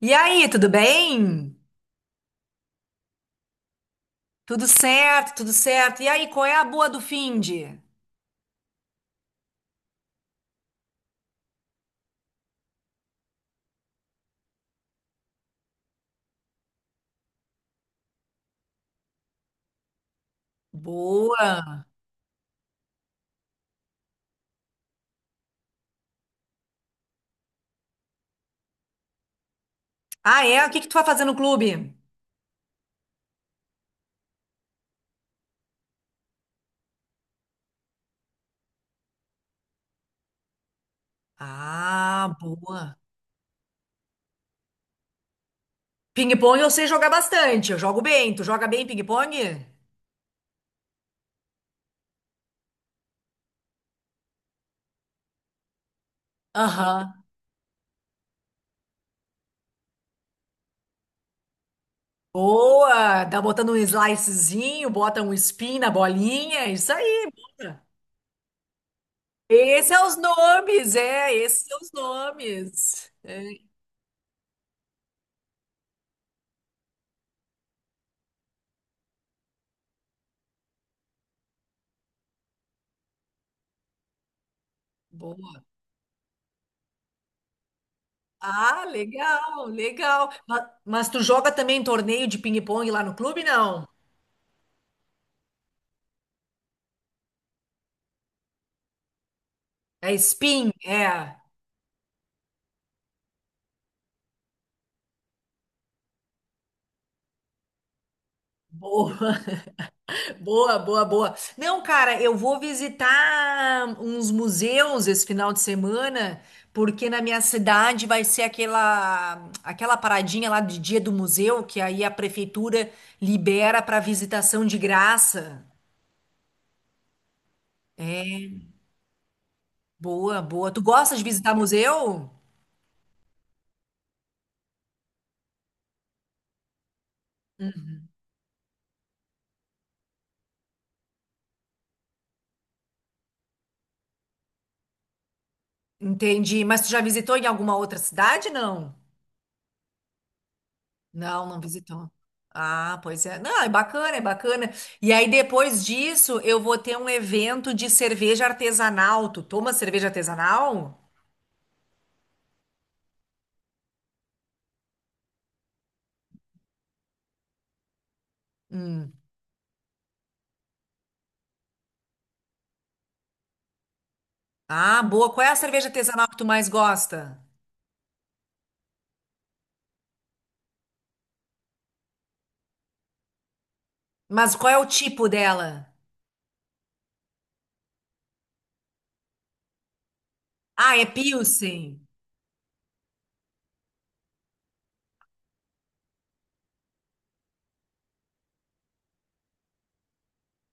E aí, tudo bem? Tudo certo, tudo certo. E aí, qual é a boa do finde? Boa. Ah, é? O que que tu vai fazer no clube? Ah, boa. Ping-pong eu sei jogar bastante. Eu jogo bem. Tu joga bem ping-pong? Aham. Boa. Dá botando um slicezinho, bota um spin na bolinha. Isso aí. Boa. Esses são os nomes, é. Esses são os nomes. É, boa. Ah, legal, legal. Mas, tu joga também torneio de ping-pong lá no clube, não? É spin, é. Boa, boa, boa, boa. Não, cara, eu vou visitar uns museus esse final de semana, porque na minha cidade vai ser aquela paradinha lá de dia do museu, que aí a prefeitura libera para visitação de graça. Boa, boa. Tu gosta de visitar museu? Entendi. Mas tu já visitou em alguma outra cidade, não? Não, não visitou. Ah, pois é. Não, é bacana, é bacana. E aí, depois disso, eu vou ter um evento de cerveja artesanal. Tu toma cerveja artesanal? Hum. Ah, boa. Qual é a cerveja artesanal que tu mais gosta? Mas qual é o tipo dela? Ah, é Pilsen.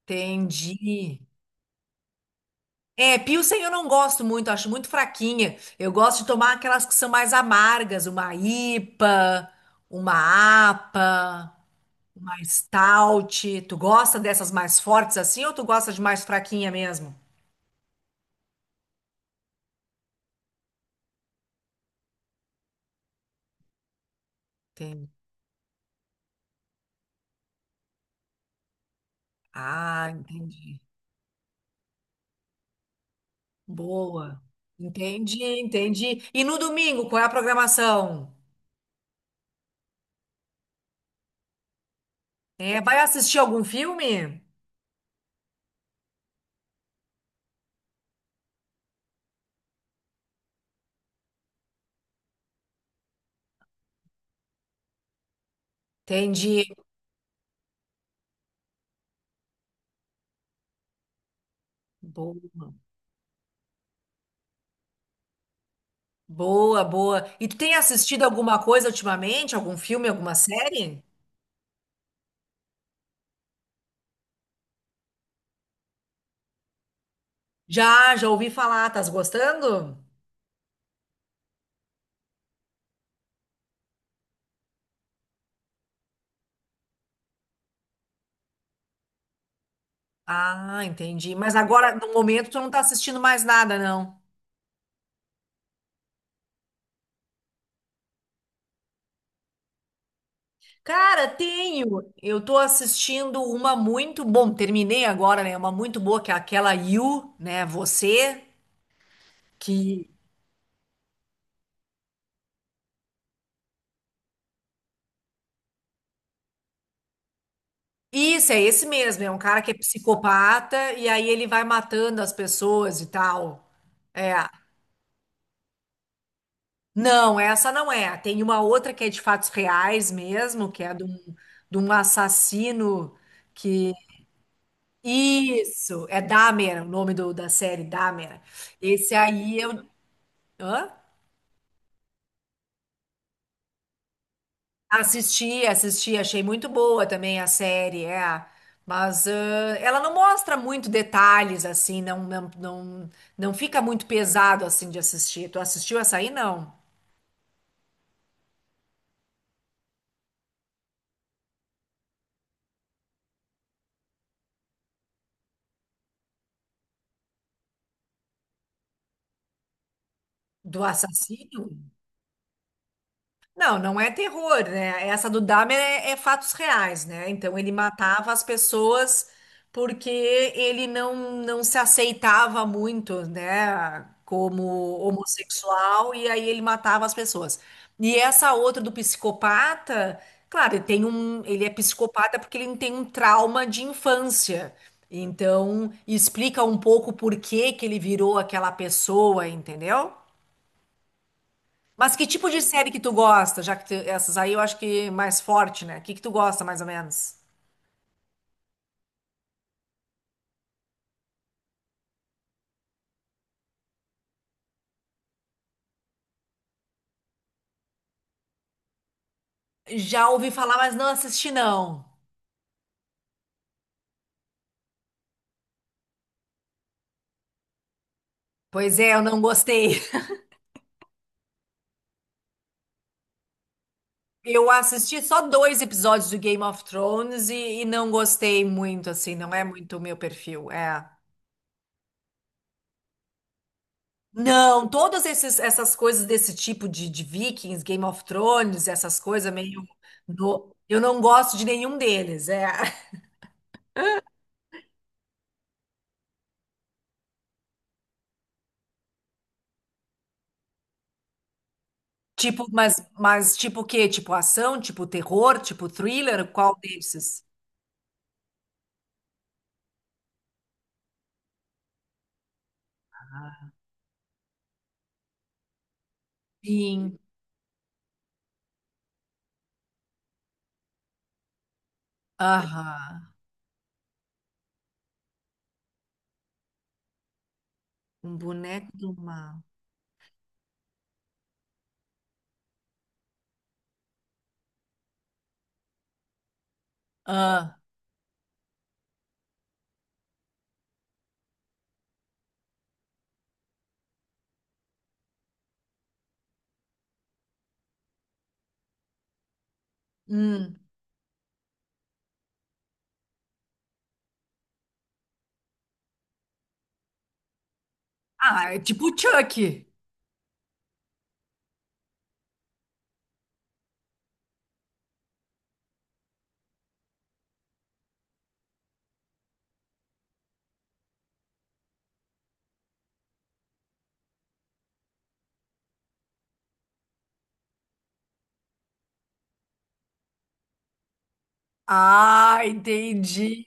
Entendi. É, Pilsen eu não gosto muito, acho muito fraquinha. Eu gosto de tomar aquelas que são mais amargas, uma IPA, uma APA. Mais stout. Tu gosta dessas mais fortes assim ou tu gosta de mais fraquinha mesmo? Entendi. Ah, entendi. Boa. Entendi, entendi. E no domingo, qual é a programação? É, vai assistir algum filme? Entendi. Boa, boa, boa. E tu tem assistido alguma coisa ultimamente? Algum filme, alguma série? Já, já ouvi falar. Tás gostando? Ah, entendi. Mas agora, no momento, tu não tá assistindo mais nada, não. Cara, tenho. Eu tô assistindo uma muito bom, terminei agora, né? Uma muito boa que é aquela You, né? Você que Isso é esse mesmo, é um cara que é psicopata e aí ele vai matando as pessoas e tal. É. Não, essa não é. Tem uma outra que é de fatos reais mesmo, que é de um assassino que Isso, é Dahmer, o nome do, da série Dahmer. Esse aí eu Hã? Assisti, assisti, achei muito boa também a série, é. Mas ela não mostra muito detalhes, assim, não, não, não, não fica muito pesado, assim, de assistir. Tu assistiu essa aí, não? Do assassino? Não, não é terror, né? Essa do Dahmer é, é fatos reais, né? Então ele matava as pessoas porque ele não, não se aceitava muito, né? Como homossexual, e aí ele matava as pessoas. E essa outra do psicopata, claro, ele é psicopata porque ele tem um trauma de infância. Então, explica um pouco por que que ele virou aquela pessoa, entendeu? Mas que tipo de série que tu gosta? Já que essas aí eu acho que mais forte, né? O que que tu gosta, mais ou menos? Já ouvi falar, mas não assisti, não. Pois é, eu não gostei. Eu assisti só dois episódios do Game of Thrones e não gostei muito, assim, não é muito o meu perfil, é. Não, todas essas coisas desse tipo de Vikings, Game of Thrones, essas coisas meio. Eu não gosto de nenhum deles, é. Tipo, mas tipo o quê? Tipo ação, tipo terror, tipo thriller? Qual desses? Sim. Aham. Um boneco do mal. Ah, hum. Ah, é tipo o Chucky. Ah, entendi.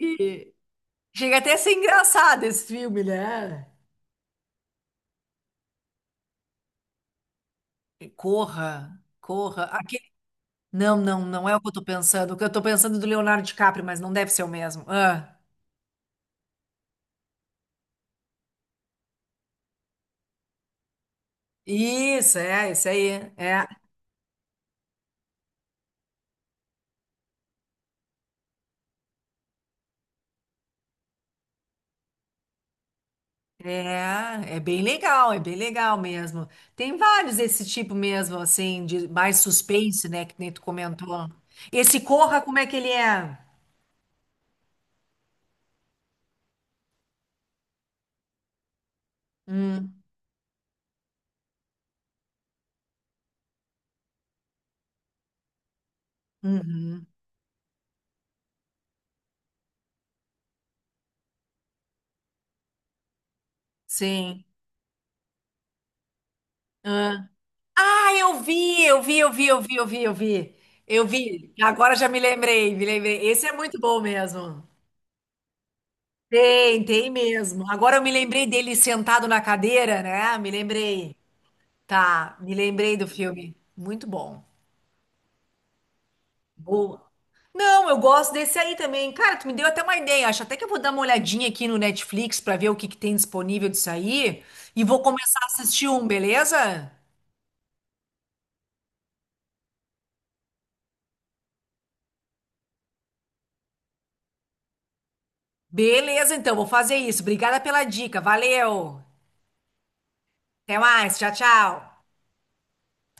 Chega até a ser engraçado esse filme, né? Corra, corra. Aquele... Não, não, não é o que eu tô pensando. O que eu tô pensando é do Leonardo DiCaprio, mas não deve ser o mesmo. Ah, isso, é, isso aí. É. É, é bem legal mesmo. Tem vários desse tipo mesmo, assim, de mais suspense, né, que nem tu comentou. Esse Corra, como é que ele é? Hum, uhum, sim. Ah, Ah, eu vi, eu vi, eu vi, eu vi, eu vi, eu vi. Eu vi. Agora já me lembrei, me lembrei. Esse é muito bom mesmo. Tem, tem mesmo. Agora eu me lembrei dele sentado na cadeira, né? Me lembrei. Tá, me lembrei do filme. Muito bom. Boa. Não, eu gosto desse aí também. Cara, tu me deu até uma ideia. Acho até que eu vou dar uma olhadinha aqui no Netflix pra ver o que que tem disponível disso aí e vou começar a assistir um, beleza? Beleza, então, vou fazer isso. Obrigada pela dica. Valeu. Até mais. Tchau, tchau.